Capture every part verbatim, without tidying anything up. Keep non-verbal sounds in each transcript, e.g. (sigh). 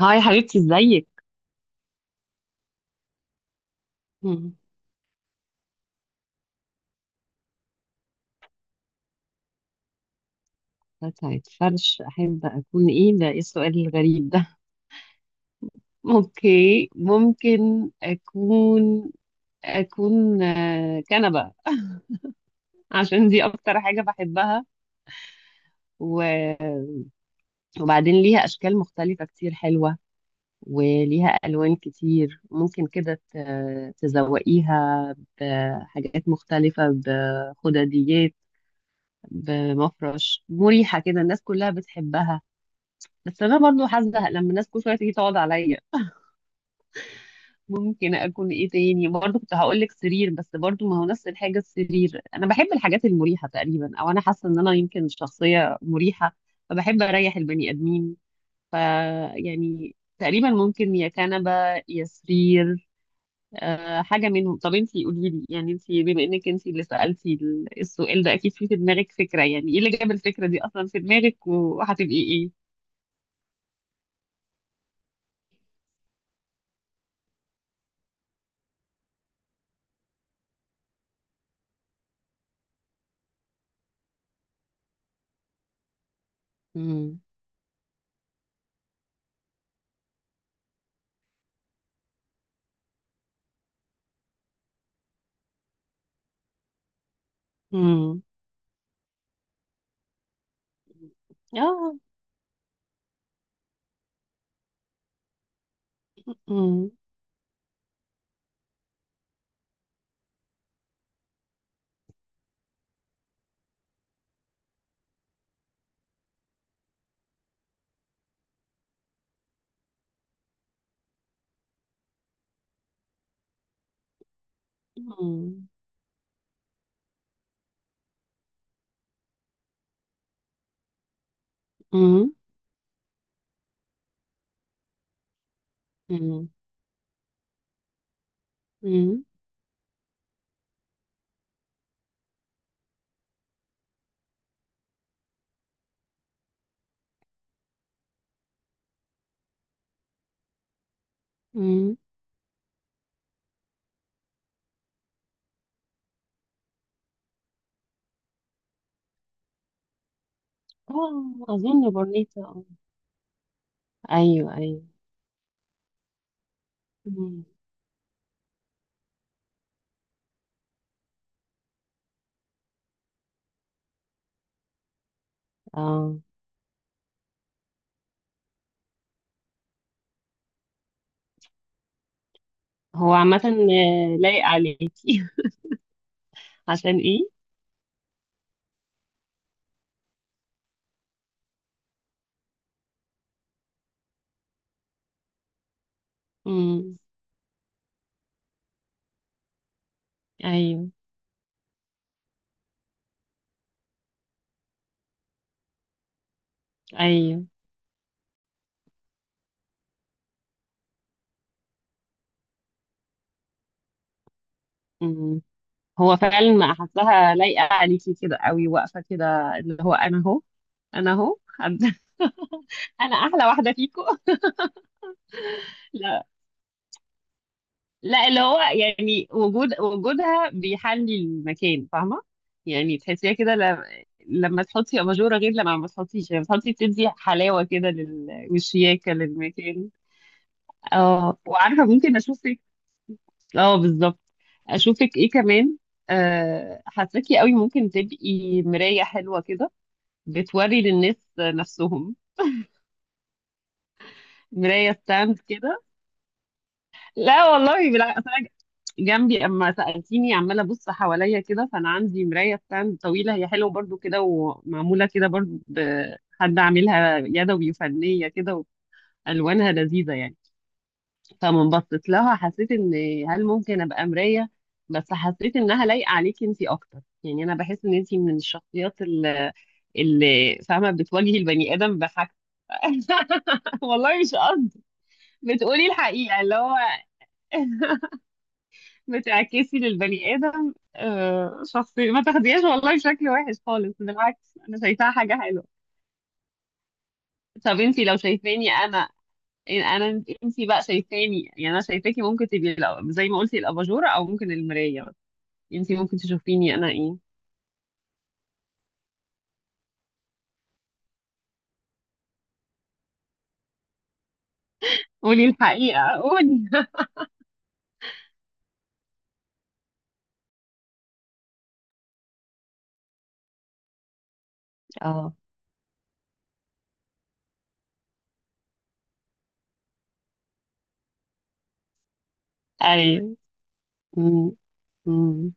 هاي حبيبتي، ازيك؟ مم. قطعة فرش أحب أكون؟ إيه ده، إيه السؤال الغريب ده؟ (laughs) أوكي ممكن أكون أكون آه، كنبة. عشان دي أكتر حاجة بحبها، و- وبعدين ليها أشكال مختلفة كتير حلوة، وليها ألوان كتير ممكن كده ت- تزوقيها بحاجات مختلفة، بخدديات، بمفرش مريحة كده. الناس كلها بتحبها، بس انا برضو حاسه لما الناس كل شويه تيجي تقعد عليا. ممكن اكون ايه تاني؟ برضو كنت هقول لك سرير، بس برضو ما هو نفس الحاجه. السرير انا بحب الحاجات المريحه تقريبا، او انا حاسه ان انا يمكن شخصيه مريحه فبحب اريح البني ادمين. ف يعني تقريبا ممكن يا كنبه يا سرير. أه، حاجه منهم. طب انتي قولي لي، يعني انتي بما انك انتي اللي سالتي ال- السؤال ده، اكيد في في دماغك فكره. يعني ايه اللي جاب الفكره دي اصلا في دماغك، وهتبقي ايه؟ امم. امم. اه. مم. مم. مم. مم. مم. مم. آه، أظن بورنيتا. آه. أيوه، أيوه. مم. اه. هو عامة آه، لايق عليكي. (laughs) عشان إيه؟ مم. أيوه، أيوه. مم. هو فعلا ما حاساها لايقة عليكي كده قوي، واقفة كده اللي هو أنا أهو. أنا أهو (laughs) حد. أنا أحلى واحدة فيكم. لا. لا، اللي هو يعني وجود وجودها بيحلي المكان، فاهمه؟ يعني تحسيها كده ل... لما تحطي اباجوره غير لما ما تحطيش. لما تحطي بتدي حلاوه كده لل... والشياكه للمكان. اه، وعارفه ممكن اشوفك. اه، بالظبط. اشوفك ايه كمان؟ أه... حاساكي قوي ممكن تبقي مرايه حلوه كده، بتوري للناس نفسهم. مرايه ستاند كده. لا والله، بالعكس، أصل أنا جنبي اما سالتيني عماله ابص حواليا كده، فانا عندي مرايه ستاند طويله، هي حلوه برضو كده، ومعموله كده برضو بحد عاملها يدوي، وفنيه كده، والوانها لذيذه يعني. فمن بصيت لها حسيت ان، هل ممكن ابقى مرايه؟ بس حسيت انها لايقه عليكي انتي اكتر. يعني انا بحس ان انتي من الشخصيات اللي, اللي فاهمه بتواجهي البني ادم بحاجته. (laughs) والله مش قصدي. بتقولي الحقيقه اللي هو (laughs) بتعكسي للبني آدم آه، شخصية. ما تاخديهاش والله شكل وحش خالص، بالعكس أنا شايفاها حاجة حلوة. طب انتي لو شايفاني أنا، أنا انتي بقى شايفاني؟ يعني أنا شايفاكي ممكن تبقي الأ- زي ما قلتي الأباجورة، أو ممكن المراية. بس انتي ممكن تشوفيني أنا إيه؟ قولي الحقيقة، قولي. اه، أيوة. أمم، أمم،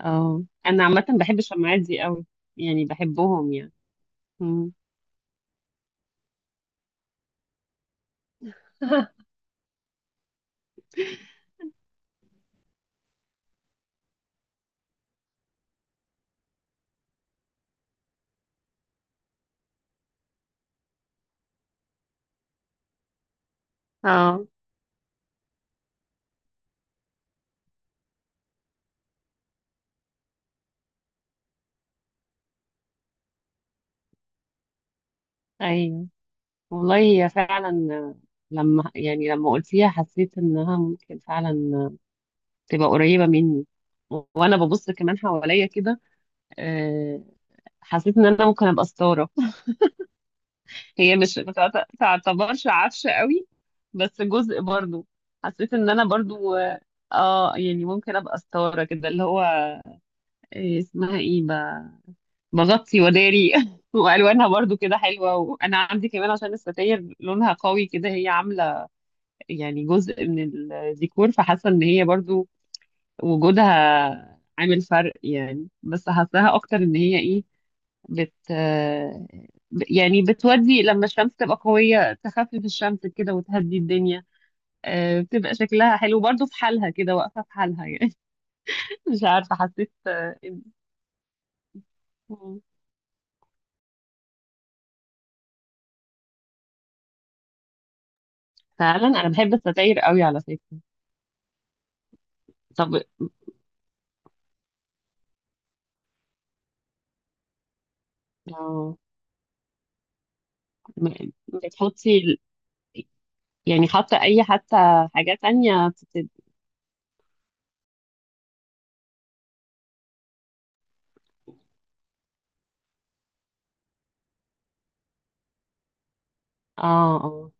اه. أنا عامة بحب الشماعات دي أوي، يعني بحبهم يعني. أمم. (laughs) اه، أيوه. والله هي فعلا، لما يعني لما قلتيها حسيت انها ممكن فعلا تبقى قريبة مني. وانا ببص كمان حواليا كده، آه، حسيت ان انا ممكن ابقى ستارة. (laughs) هي مش ما تعت- تعتبرش عفشة قوي، بس جزء برضو. حسيت ان انا برضو اه آه، يعني ممكن ابقى ستارة كده، اللي هو آه، اسمها ايه، ب- بغطي وداري. (laughs) والوانها برضو كده حلوة، وانا عندي كمان، عشان الستاير لونها قوي كده، هي عاملة يعني جزء من الديكور. فحاسه ان هي برضو وجودها عامل فرق يعني، بس حاساها اكتر ان هي ايه، بت آه، ب- يعني بتودي لما الشمس تبقى قويه تخفف الشمس كده وتهدي الدنيا. آه، بتبقى شكلها حلو برضو في حالها كده، واقفه في حالها يعني. (laughs) مش عارفه حسيت آه، إن- مم. فعلا انا بحب الستاير قوي على فكره. طب آه، م- بتحطي ال- يعني، حاطه اي حتى حاجات تانية بتت- اه،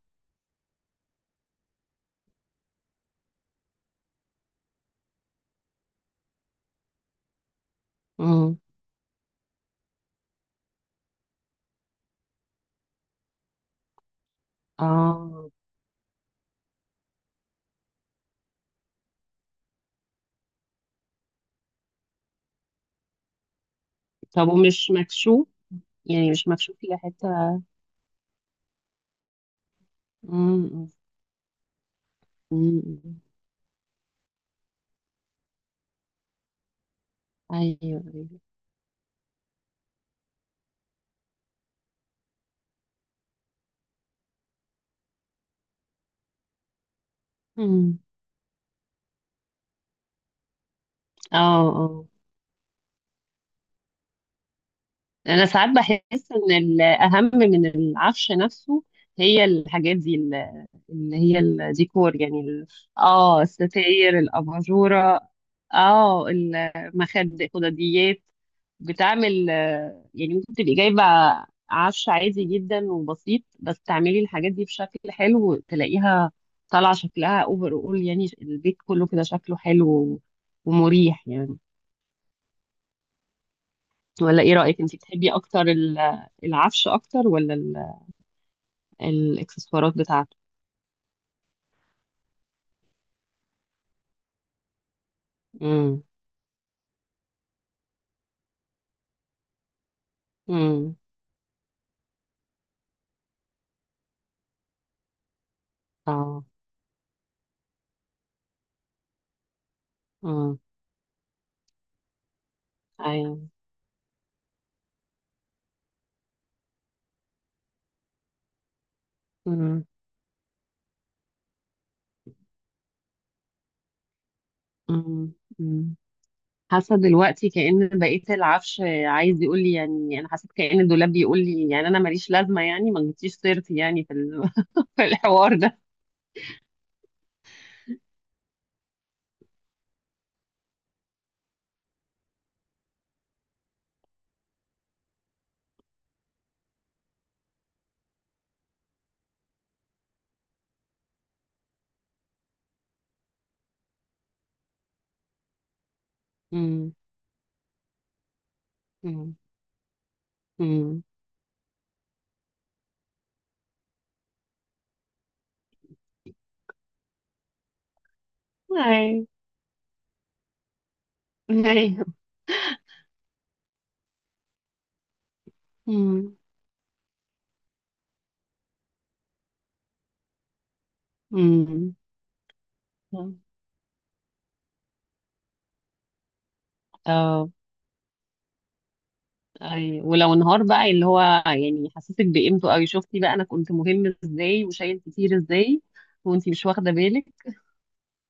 اه، اه. طب ومش مكشوف؟ يعني مش مكشوف إلى حتة؟ مم، مم. مم. أيوه، أيوه. مم. اه، اه. انا ساعات بحس ان الاهم من العفش نفسه هي الحاجات دي ال- اللي هي الديكور. يعني ال- اه الستاير، الاباجوره، اه، المخد، الخدديات، بتعمل آه، يعني. ممكن تبقي جايبه عفش عادي جدا وبسيط، بس تعملي الحاجات دي بشكل حلو تلاقيها طالعه شكلها اوفر اول، يعني البيت كله كده شكله حلو ومريح يعني. ولا ايه رأيك انت، بتحبي اكتر ال- العفش اكتر، ولا ال- الاكسسوارات بتاعته؟ امم، امم. اه. امم. ايوه. امم، امم. أمم. حاسه دلوقتي كأن بقيت العفش عايز يقول لي، يعني انا حسيت كأن الدولاب بيقول لي يعني انا ماليش لازمه، يعني ما جبتيش سيرتي يعني في ال- (laughs) في الحوار ده. امم، امم، امم. ايوه، ايوه. امم، امم. اه. أي، ولو انهار بقى اللي هو، يعني يحسسك بقيمته قوي، شفتي بقى انا كنت مهم ازاي، وشايل كتير ازاي، وانتي مش واخده بالك.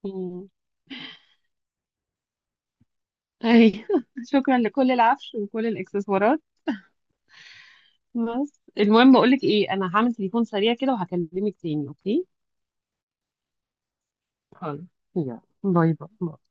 مم. اي (laughs) شكرا لكل العفش، وكل الاكسسوارات. بس المهم بقول لك ايه، انا هعمل تليفون سريع كده وهكلمك تاني، اوكي؟ خلاص. يلا باي. باي.